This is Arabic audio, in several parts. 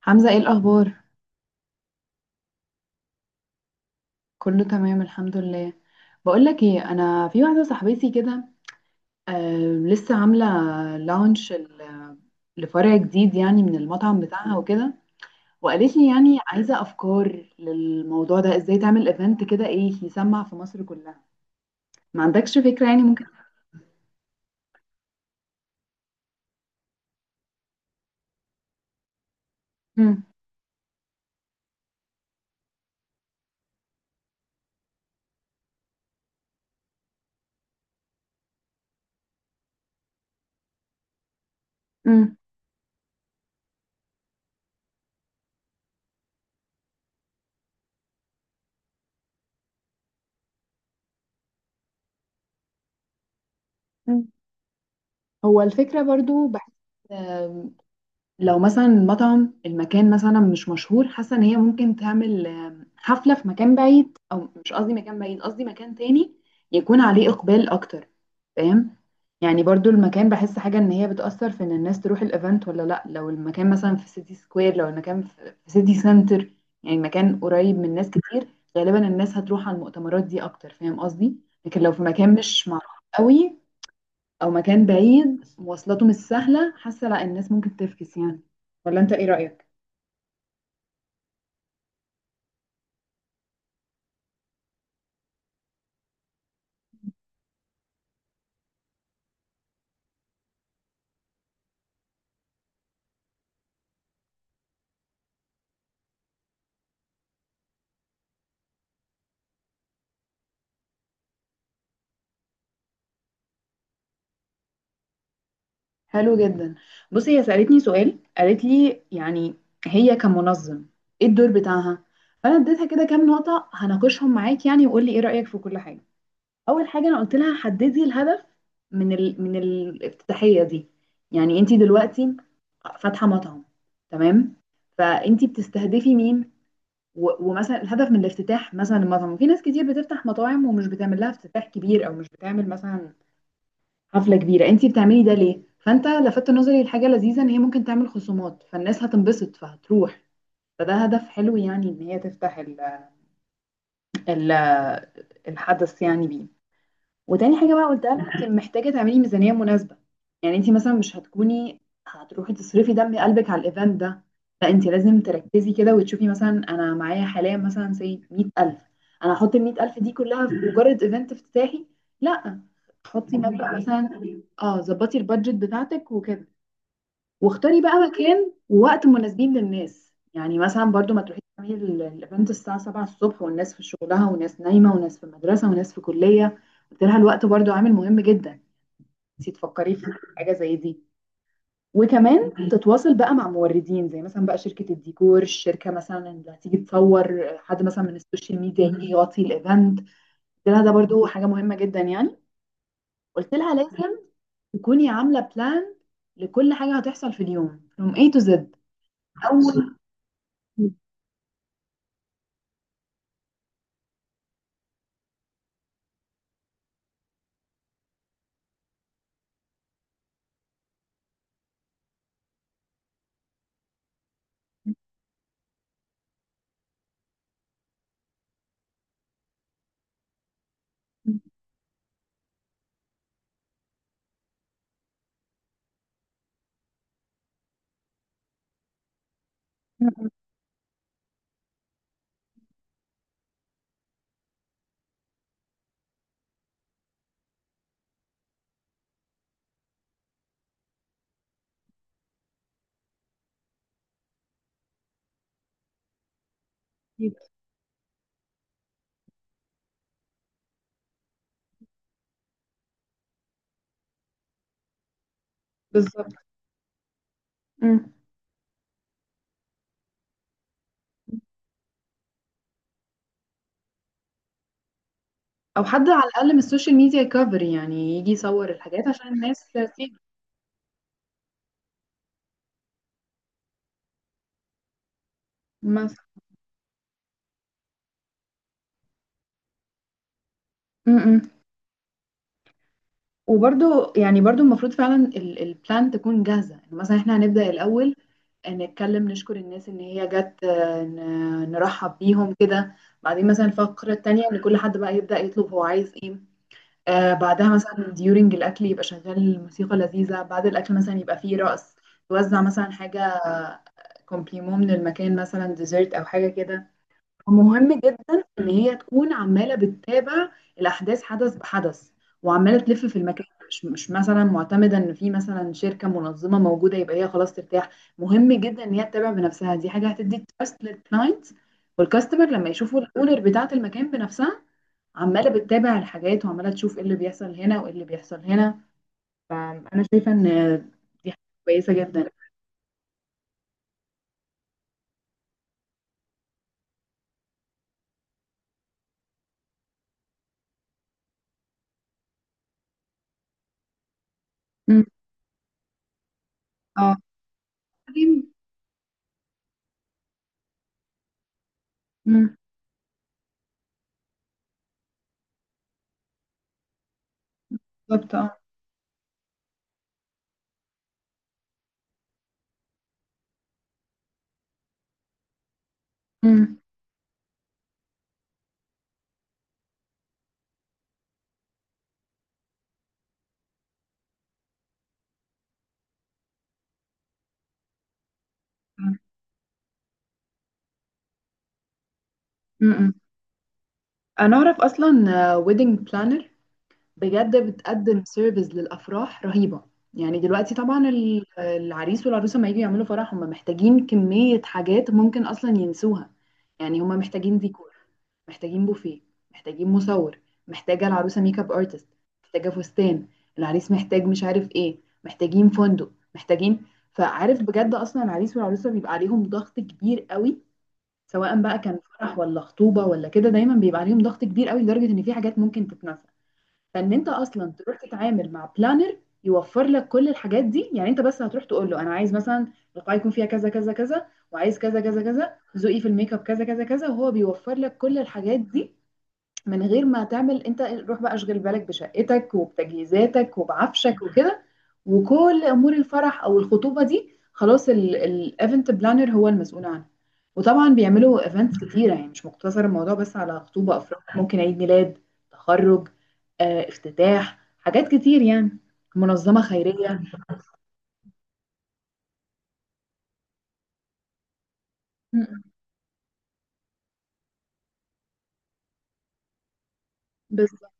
حمزة، ايه الأخبار؟ كله تمام الحمد لله. بقولك ايه، أنا في واحدة صاحبتي كده، آه، لسه عاملة لانش لفرع جديد يعني من المطعم بتاعها وكده، وقالت لي يعني عايزة أفكار للموضوع ده، ازاي تعمل ايفنت كده ايه يسمع في مصر كلها. ما عندكش فكرة يعني ممكن؟ مم. مم. مم. هو الفكرة برضو بحس لو مثلا المطعم المكان مثلا مش مشهور، حاسه ان هي ممكن تعمل حفله في مكان بعيد، او مش قصدي مكان بعيد، قصدي مكان تاني يكون عليه اقبال اكتر. فاهم؟ يعني برضو المكان بحس حاجه ان هي بتاثر في ان الناس تروح الايفنت ولا لا. لو المكان مثلا في سيتي سكوير، لو المكان في سيتي سنتر، يعني مكان قريب من ناس كتير، غالبا الناس هتروح على المؤتمرات دي اكتر. فاهم قصدي؟ لكن لو في مكان مش معروف قوي، او مكان بعيد مواصلاته مش سهله، حاسه لا، الناس ممكن تفكس يعني. ولا انت ايه رايك؟ حلو جدا. بصي، هي سالتني سؤال، قالت لي يعني هي كمنظم ايه الدور بتاعها. فانا اديتها كده كام نقطه هناقشهم معاك يعني، وقول لي ايه رايك في كل حاجه. اول حاجه انا قلت لها حددي الهدف من من الافتتاحيه دي. يعني انت دلوقتي فاتحه مطعم، تمام؟ فانت بتستهدفي مين؟ ومثلا الهدف من الافتتاح، مثلا المطعم في ناس كتير بتفتح مطاعم ومش بتعمل لها افتتاح كبير، او مش بتعمل مثلا حفلة كبيرة. انت بتعملي ده ليه؟ فانت لفت نظري لحاجة لذيذة، ان هي ممكن تعمل خصومات فالناس هتنبسط فهتروح. فده هدف حلو يعني، ان هي تفتح ال الحدث يعني بيه. وتاني حاجة بقى قلتها لها، انت محتاجة تعملي ميزانية مناسبة. يعني انت مثلا مش هتكوني هتروحي تصرفي دم قلبك على الايفنت ده. لا، انت لازم تركزي كده وتشوفي، مثلا انا معايا حاليا مثلا زي 100,000. انا هحط ال 100,000 دي كلها في مجرد ايفنت افتتاحي؟ لا، حطي مبلغ مثلا. اه، ظبطي البادجت بتاعتك وكده. واختاري بقى مكان ووقت مناسبين للناس، يعني مثلا برضو ما تروحيش تعملي الايفنت الساعة 7 الصبح والناس في شغلها وناس نايمة وناس في المدرسة وناس في كلية. قلت لها الوقت برضو عامل مهم جدا، نسيت تفكري في حاجة زي دي. وكمان تتواصل بقى مع موردين زي مثلا بقى شركة الديكور، الشركة مثلا اللي هتيجي تصور، حد مثلا من السوشيال ميديا يجي يغطي الايفنت. قلت لها ده برضو حاجة مهمة جدا يعني. قلت لها لازم تكوني عاملة بلان لكل حاجة هتحصل في اليوم from A to Z. أول. مم. أكيد. بالظبط. مم. او حد على الاقل من السوشيال ميديا يكفر يعني، يجي يصور الحاجات عشان الناس تسيب. مثلا. مم. وبرضو يعني برضو المفروض فعلا البلان تكون جاهزة، يعني مثلا احنا هنبدأ الأول نتكلم، نشكر الناس ان هي جت، نرحب بيهم كده. بعدين مثلا الفقرة التانية ان كل حد بقى يبدأ يطلب هو عايز ايه. بعدها مثلا ديورنج الأكل يبقى شغال موسيقى لذيذة، بعد الأكل مثلا يبقى فيه رقص. توزع مثلا حاجة كومبليمون من المكان، مثلا ديزرت أو حاجة كده. ومهم جدا إن هي تكون عمالة بتتابع الأحداث حدث بحدث، وعمالة تلف في المكان، مش مثلا معتمدة إن في مثلا شركة منظمة موجودة يبقى هي خلاص ترتاح. مهم جدا إن هي تتابع بنفسها، دي حاجة هتدي تراست للكلاينت والكاستمر لما يشوفوا الأونر بتاعة المكان بنفسها عماله بتتابع الحاجات، وعماله تشوف ايه اللي بيحصل هنا وايه اللي بيحصل هنا. فانا شايفه ان دي حاجه كويسه جدا. امم. اه. بعدين-. امم. بالظبط. اه. امم. امم. أمم. انا اعرف اصلا ويدنج بلانر بجد بتقدم سيرفيس للافراح رهيبه. يعني دلوقتي طبعا العريس والعروسه لما يجوا يعملوا فرح هم محتاجين كميه حاجات ممكن اصلا ينسوها. يعني هم محتاجين ديكور، محتاجين بوفيه، محتاجين مصور، محتاجه العروسه ميك اب ارتست، محتاجه فستان، العريس محتاج مش عارف ايه، محتاجين فندق، محتاجين. فعارف بجد اصلا العريس والعروسه بيبقى عليهم ضغط كبير قوي، سواء بقى كان فرح ولا خطوبه ولا كده، دايما بيبقى عليهم ضغط كبير قوي لدرجه ان في حاجات ممكن تتنسى. فان انت اصلا تروح تتعامل مع بلانر، يوفر لك كل الحاجات دي. يعني انت بس هتروح تقول له انا عايز مثلا القاعه يكون فيها كذا كذا كذا، وعايز كذا كذا كذا، ذوقي في الميك اب كذا كذا كذا، وهو بيوفر لك كل الحاجات دي من غير ما تعمل انت. روح بقى اشغل بالك بشقتك وبتجهيزاتك وبعفشك وكده، وكل امور الفرح او الخطوبه دي خلاص الايفنت بلانر هو المسؤول عنها. وطبعا بيعملوا ايفنتس كتيره، يعني مش مقتصر الموضوع بس على خطوبه افراح، ممكن عيد ميلاد، تخرج، افتتاح، حاجات كتير يعني، منظمه خيريه. م- م. بالظبط.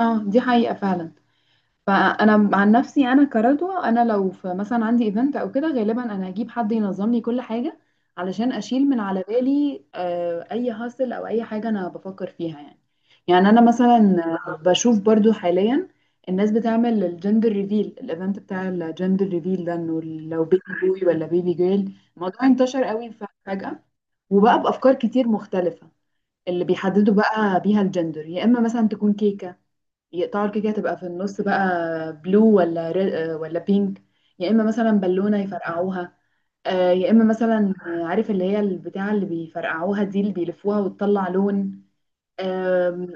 اه، دي حقيقه فعلا. فانا عن نفسي انا كردوة، انا لو في مثلا عندي ايفنت او كده، غالبا انا هجيب حد ينظم لي كل حاجه، علشان اشيل من على بالي اي هاسل او اي حاجه انا بفكر فيها يعني. يعني انا مثلا بشوف برضو حاليا الناس بتعمل الجندر ريفيل، الايفنت بتاع الجندر ريفيل ده، انه لو بيبي بوي ولا بيبي جيل. الموضوع انتشر قوي فجأة، وبقى بافكار كتير مختلفه اللي بيحددوا بقى بيها الجندر. يا اما مثلا تكون كيكه، يقطعوا الكيكة تبقى في النص بقى بلو ولا ري... آه، ولا بينك. يا إما مثلا بالونة يفرقعوها. يا إما مثلا عارف اللي هي البتاعة اللي بيفرقعوها دي، اللي بيلفوها وتطلع لون. آم،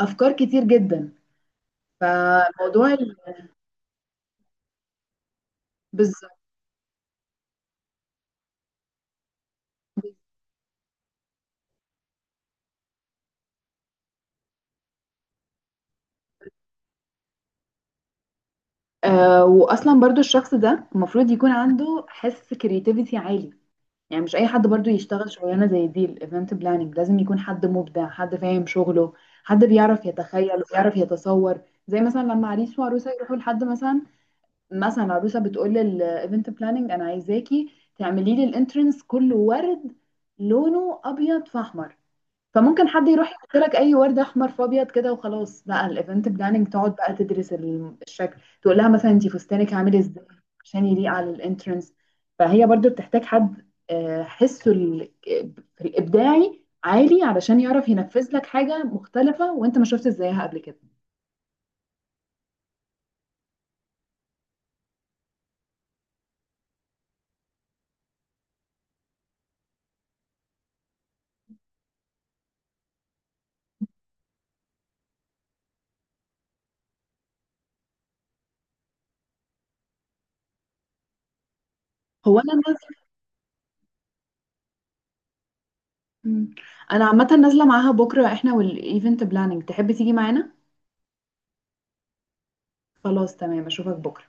أفكار كتير جدا. فموضوع بالظبط. وأصلا برضو الشخص ده المفروض يكون عنده حس كرياتيفيتي عالي، يعني مش اي حد برضو يشتغل شغلانه زي دي. الايفنت بلاننج لازم يكون حد مبدع، حد فاهم شغله، حد بيعرف يتخيل وبيعرف يتصور. زي مثلا لما عريس وعروسه يروحوا لحد مثلا، مثلا عروسه بتقول للايفنت بلاننج انا عايزاكي تعملي لي الانترنس كله ورد، لونه ابيض فاحمر. فممكن حد يروح يحط لك اي ورد احمر في ابيض كده وخلاص، بقى الايفنت بلاننج تقعد بقى تدرس الشكل، تقول لها مثلا انت فستانك عامل ازاي عشان يليق على الانترنس. فهي برضو بتحتاج حد حسه في الابداعي عالي، علشان يعرف ينفذ لك حاجه مختلفه وانت ما شفتش زيها قبل كده. هو انا نازله. مم. انا عامه نازله معاها بكره، احنا والايفنت بلاننج. تحب تيجي معانا؟ خلاص تمام، اشوفك بكره.